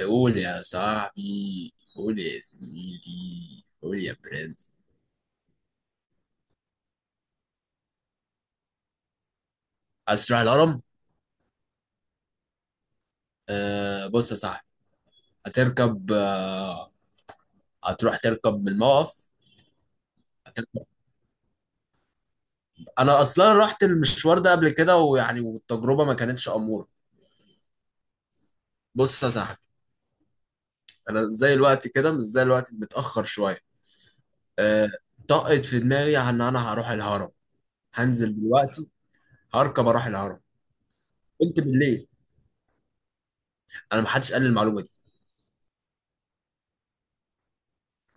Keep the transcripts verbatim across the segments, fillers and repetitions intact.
قول يا صاحبي، قول يا زميلي، قول يا برنس. عايز تروح الهرم؟ آه بص يا صاحبي، هتركب آه، هتروح تركب من الموقف، هتركب. انا اصلا رحت المشوار ده قبل كده ويعني والتجربه ما كانتش اموره. بص يا صاحبي، انا زي الوقت كده مش زي الوقت، متاخر شويه. آه، طقت في دماغي ان انا هروح الهرم، هنزل دلوقتي هركب اروح الهرم. قلت بالليل؟ انا ما حدش قال لي المعلومه دي.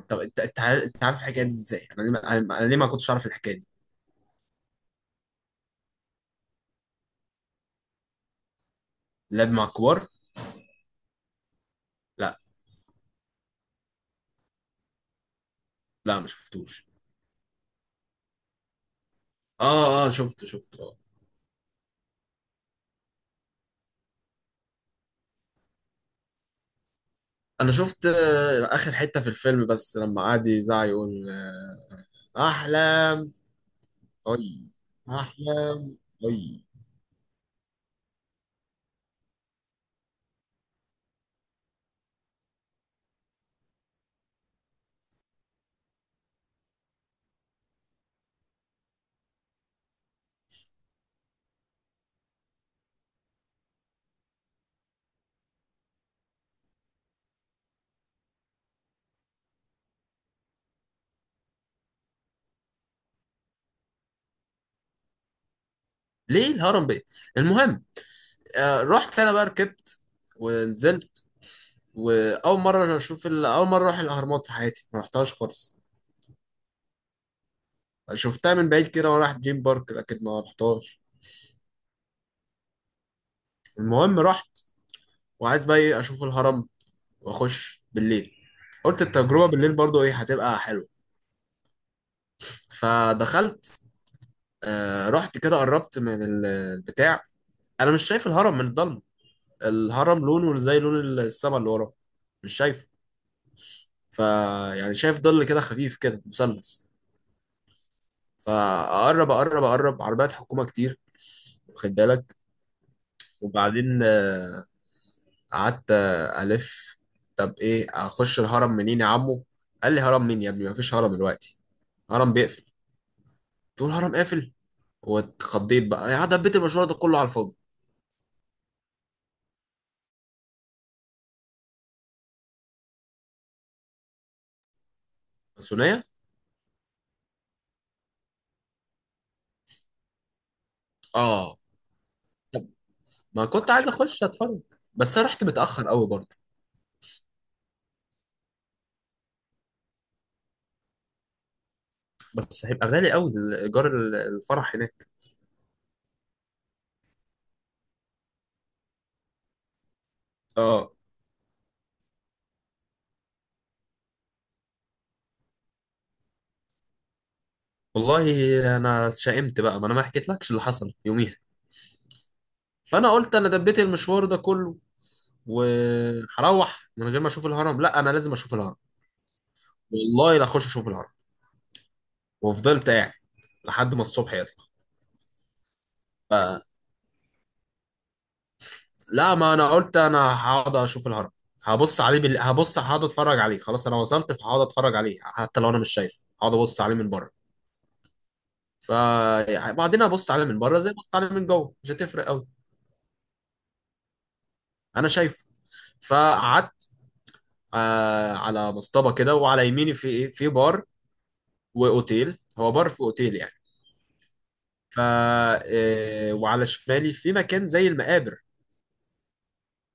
طب انت، انت عارف انت عارف الحكايه دي ازاي؟ انا ليه ما- انا أنا ليه ما كنتش اعرف الحكايه دي؟ لعب مع الكبار؟ لا، لا ما شفتوش. اه اه، شفته شفته اه. انا شفت آه، اخر حته في الفيلم بس لما قعد يزعق يقول آه، احلام. اي، احلام. اي. ليه الهرم بيه؟ المهم، آه رحت انا بقى، ركبت ونزلت. واول مره اشوف ال- اول مره اروح الاهرامات في حياتي، ما رحتهاش خالص. شفتها من بعيد كده وانا رايح دريم بارك، لكن ما رحتهاش. المهم رحت، وعايز بقى ايه اشوف الهرم واخش بالليل. قلت التجربه بالليل برضو ايه، هتبقى حلوه. فدخلت. آه رحت كده قربت من ال- البتاع. انا مش شايف الهرم من الضلمه، الهرم لونه زي لون السما اللي وراه، مش شايفه. ف، يعني شايف ظل كده خفيف كده مثلث. فاقرب اقرب اقرب، عربيات حكومه كتير. واخد بالك؟ وبعدين آه، قعدت آه، الف. طب ايه، اخش الهرم منين يا عمو؟ قال لي هرم مين يا ابني، مفيش هرم دلوقتي، هرم بيقفل. تقول الهرم قافل! واتخضيت بقى، يعني دبيت المشوار ده كله على الفاضي. الثنائيه، اه. طب ما كنت عايز اخش اتفرج، بس انا رحت متاخر قوي برضه. بس هيبقى غالي قوي، ايجار ال- الفرح هناك. اه. والله، انا شائمت بقى، ما انا ما حكيتلكش اللي حصل يوميها. فانا قلت انا دبيت المشوار ده كله وهروح من غير ما اشوف الهرم؟ لا، انا لازم اشوف الهرم. والله لا اخش اشوف الهرم. وفضلت قاعد لحد ما الصبح يطلع. لا، ما انا قلت انا هقعد اشوف الهرم، هبص عليه بال... هبص هقعد اتفرج عليه، خلاص انا وصلت، فهقعد اتفرج عليه حتى لو انا مش شايفه. هقعد ابص عليه من بره. فبعدين ابص عليه من بره زي ما ابص عليه من جوه، مش هتفرق قوي، انا شايفه. فقعدت آه على مصطبه كده، وعلى يميني في ايه، في بار واوتيل، هو بار في اوتيل يعني. ف آه، وعلى شمالي في مكان زي المقابر،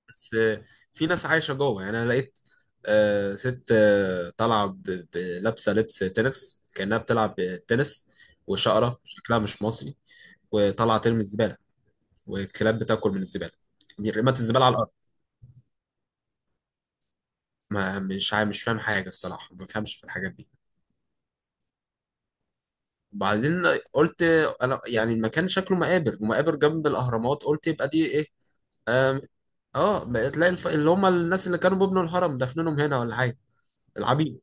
بس آه، في ناس عايشه جوه يعني. انا لقيت آه، ست آه، طالعه ب- ب- لابسه لبس تنس، كانها بتلعب تنس، وشقره شكلها مش مصري، وطالعه ترمي الزباله، والكلاب بتاكل من الزباله. رمت الزباله على الارض. ما مش عا- مش فاهم حاجه الصراحه، ما بفهمش في الحاجات دي. وبعدين قلت انا يعني المكان شكله مقابر، ومقابر جنب الاهرامات، قلت يبقى دي ايه. آم، اه بقى، تلاقي الف... اللي هم الناس اللي كانوا بيبنوا الهرم دفنهم هنا ولا حاجه، العبيد.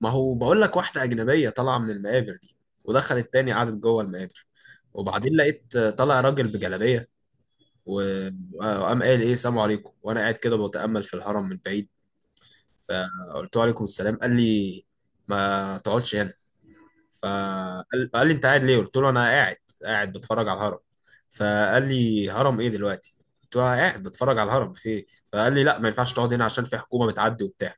ما هو بقول لك واحدة أجنبية طالعة من المقابر دي، ودخلت تاني قعدت جوه المقابر. وبعدين لقيت طالع راجل بجلابية، و- وقام قال إيه السلام عليكم، وأنا قاعد كده بتأمل في الهرم من بعيد. فقلت له عليكم السلام. قال لي ما تقعدش هنا. فقال قال لي أنت قاعد ليه؟ قلت له أنا قاعد، قاعد بتفرج على الهرم. فقال لي هرم إيه دلوقتي؟ قلت له أنا قاعد بتفرج على الهرم، في إيه؟ فقال لي لا، ما ينفعش تقعد هنا عشان في حكومة بتعدي وبتاع.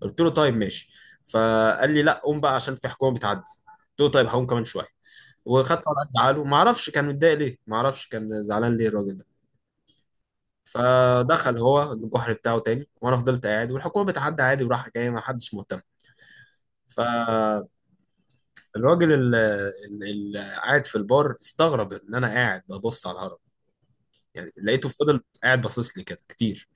قلت له طيب ماشي. فقال لي لا، قوم بقى عشان في حكومه بتعدي. قلت له طيب هقوم كمان شويه. وخدت ورقه عاله، ما اعرفش كان متضايق ليه، ما اعرفش كان زعلان ليه الراجل ده. فدخل هو الجحر بتاعه تاني، وانا فضلت قاعد، والحكومه بتعدي عادي، وراح جاي، ما حدش مهتم. فالراجل اللي قاعد في البار استغرب ان انا قاعد ببص على الهرم، يعني لقيته فضل قاعد باصص لي كده كتير،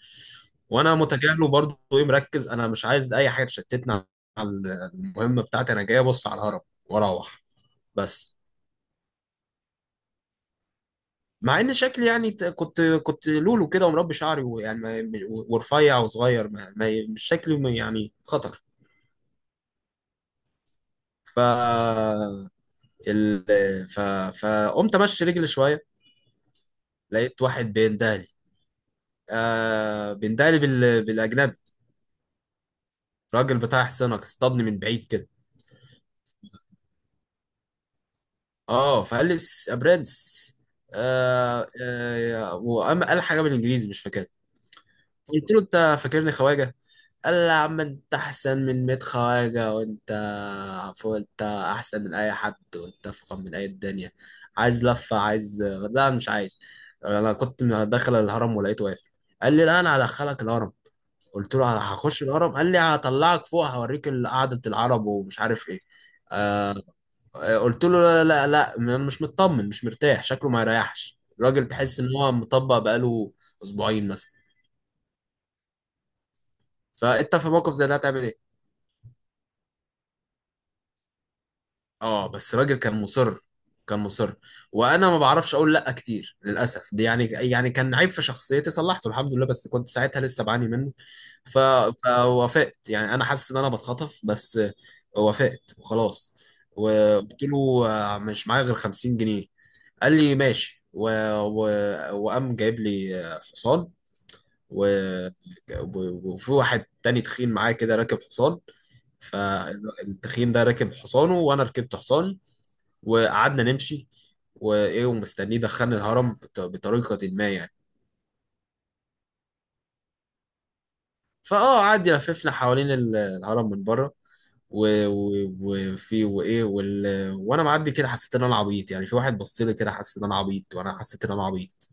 وانا متجاهله برضه، ايه مركز، انا مش عايز اي حاجه تشتتني عن المهمه بتاعتي. انا جاي ابص على الهرم واروح، بس. مع ان شكلي يعني ت- كنت كنت لولو كده ومربي شعري ويعني ما- ورفيع وصغير ما ما- مش شكلي ما- يعني خطر. ف ال... ف فقمت امشي رجلي شويه. لقيت واحد بيندهلي، آه بيندهلي بال... بالاجنبي. راجل بتاع حصانك، اصطادني من بعيد كده. اه فقال لي "س- يا برنس، آه آه، وقام قال حاجه بالانجليزي مش فاكرها. قلت له انت فاكرني خواجه؟ قال لي يا عم انت احسن من مية خواجه، وانت عفوا انت احسن من اي حد، وانت افخم من اي الدنيا. عايز لفه؟ عايز؟ لا مش عايز. انا كنت داخل الهرم ولقيته واقف، قال لي لا انا هدخلك الهرم. قلت له هخش الهرم. قال لي هطلعك فوق هوريك قعده العرب ومش عارف ايه. آه، آه، قلت له لا لا لا، انا مش مطمن، مش مرتاح، شكله ما يريحش الراجل، تحس ان هو مطبق بقاله اسبوعين مثلا. فانت في موقف زي ده هتعمل ايه؟ اه، بس راجل كان مصر، كان مصر، وانا ما بعرفش اقول لا كتير للاسف، دي يعني يعني كان عيب في شخصيتي صلحته الحمد لله، بس كنت ساعتها لسه بعاني منه. ف... فوافقت، يعني انا حاسس ان انا بتخطف، بس وافقت وخلاص. وقلت له آه، مش معايا غير خمسين جنيه. قال لي ماشي و... و... وقام جايب لي آه، حصان و... و- وفي واحد تاني تخين معايا كده راكب حصان. فالتخين ده راكب حصانه، وانا ركبت حصاني، وقعدنا نمشي. وايه ومستنيه دخلني الهرم بط- بطريقه ما يعني. فاه قعد يلففنا حوالين ال- الهرم من بره، و- و- وفي وايه وال... وانا معدي كده حسيت ان انا عبيط، يعني في واحد بص لي كده حسيت ان انا عبيط، وانا حسيت ان انا عبيط.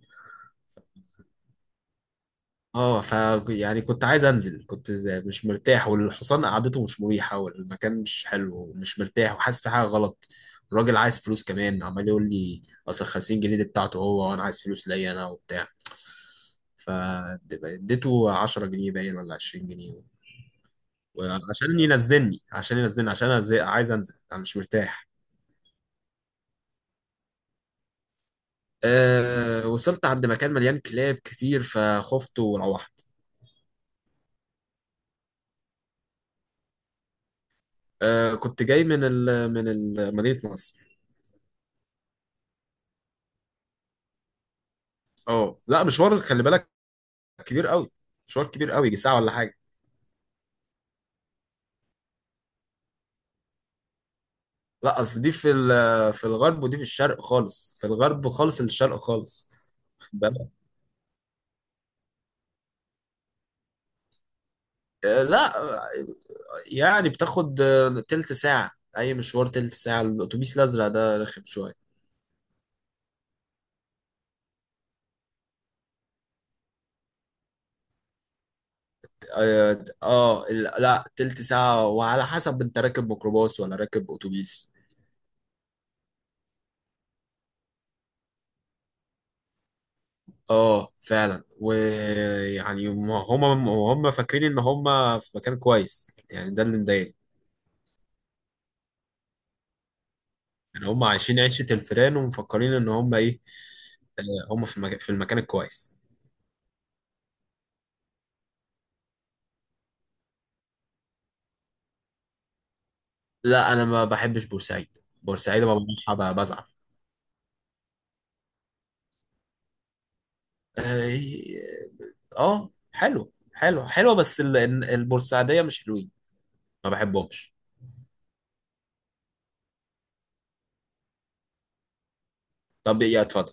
اه ف يعني كنت عايز انزل، كنت زي- مش مرتاح، والحصان قعدته مش مريحه، والمكان مش حلو، ومش مرتاح، وحاسس في حاجه غلط. الراجل عايز فلوس كمان، عمال يقول لي اصل خمسين جنيه دي بتاعته هو، وانا عايز فلوس ليا انا وبتاع. فاديته عشرة جنيه باين ولا عشرين جنيه، وعشان ينزلني عشان ينزلني عشان أنزل- عايز انزل، انا مش مرتاح. أه وصلت عند مكان مليان كلاب كتير، فخفت وروحت. أه كنت جاي من ال من ال مدينة نصر. اه لا مشوار، خلي بالك، كبير قوي، مشوار كبير قوي، يجي ساعة ولا حاجة. لا اصل دي في ال- في الغرب، ودي في الشرق خالص، في الغرب خالص، الشرق خالص. خد بالك. أه لا، يعني بتاخد آه، تلت ساعة. أي مشوار تلت ساعة، الأتوبيس الأزرق ده رخم شوية. آه, آه ال- لا تلت ساعة، وعلى حسب أنت راكب ميكروباص ولا راكب أتوبيس. آه فعلا، ويعني هم هم فاكرين إن هم في مكان كويس، يعني ده اللي مضايقني. يعني هم عايشين عيشة الفيران، ومفكرين إن هم إيه، آه، هم في المكان، في المكان الكويس. لا أنا ما بحبش بورسعيد، بورسعيد ما بروحها ب- بزعل. آه، اه حلو حلو حلو، بس ال- البورسعيدية مش حلوين، ما بحبهمش. طب يا اتفضل.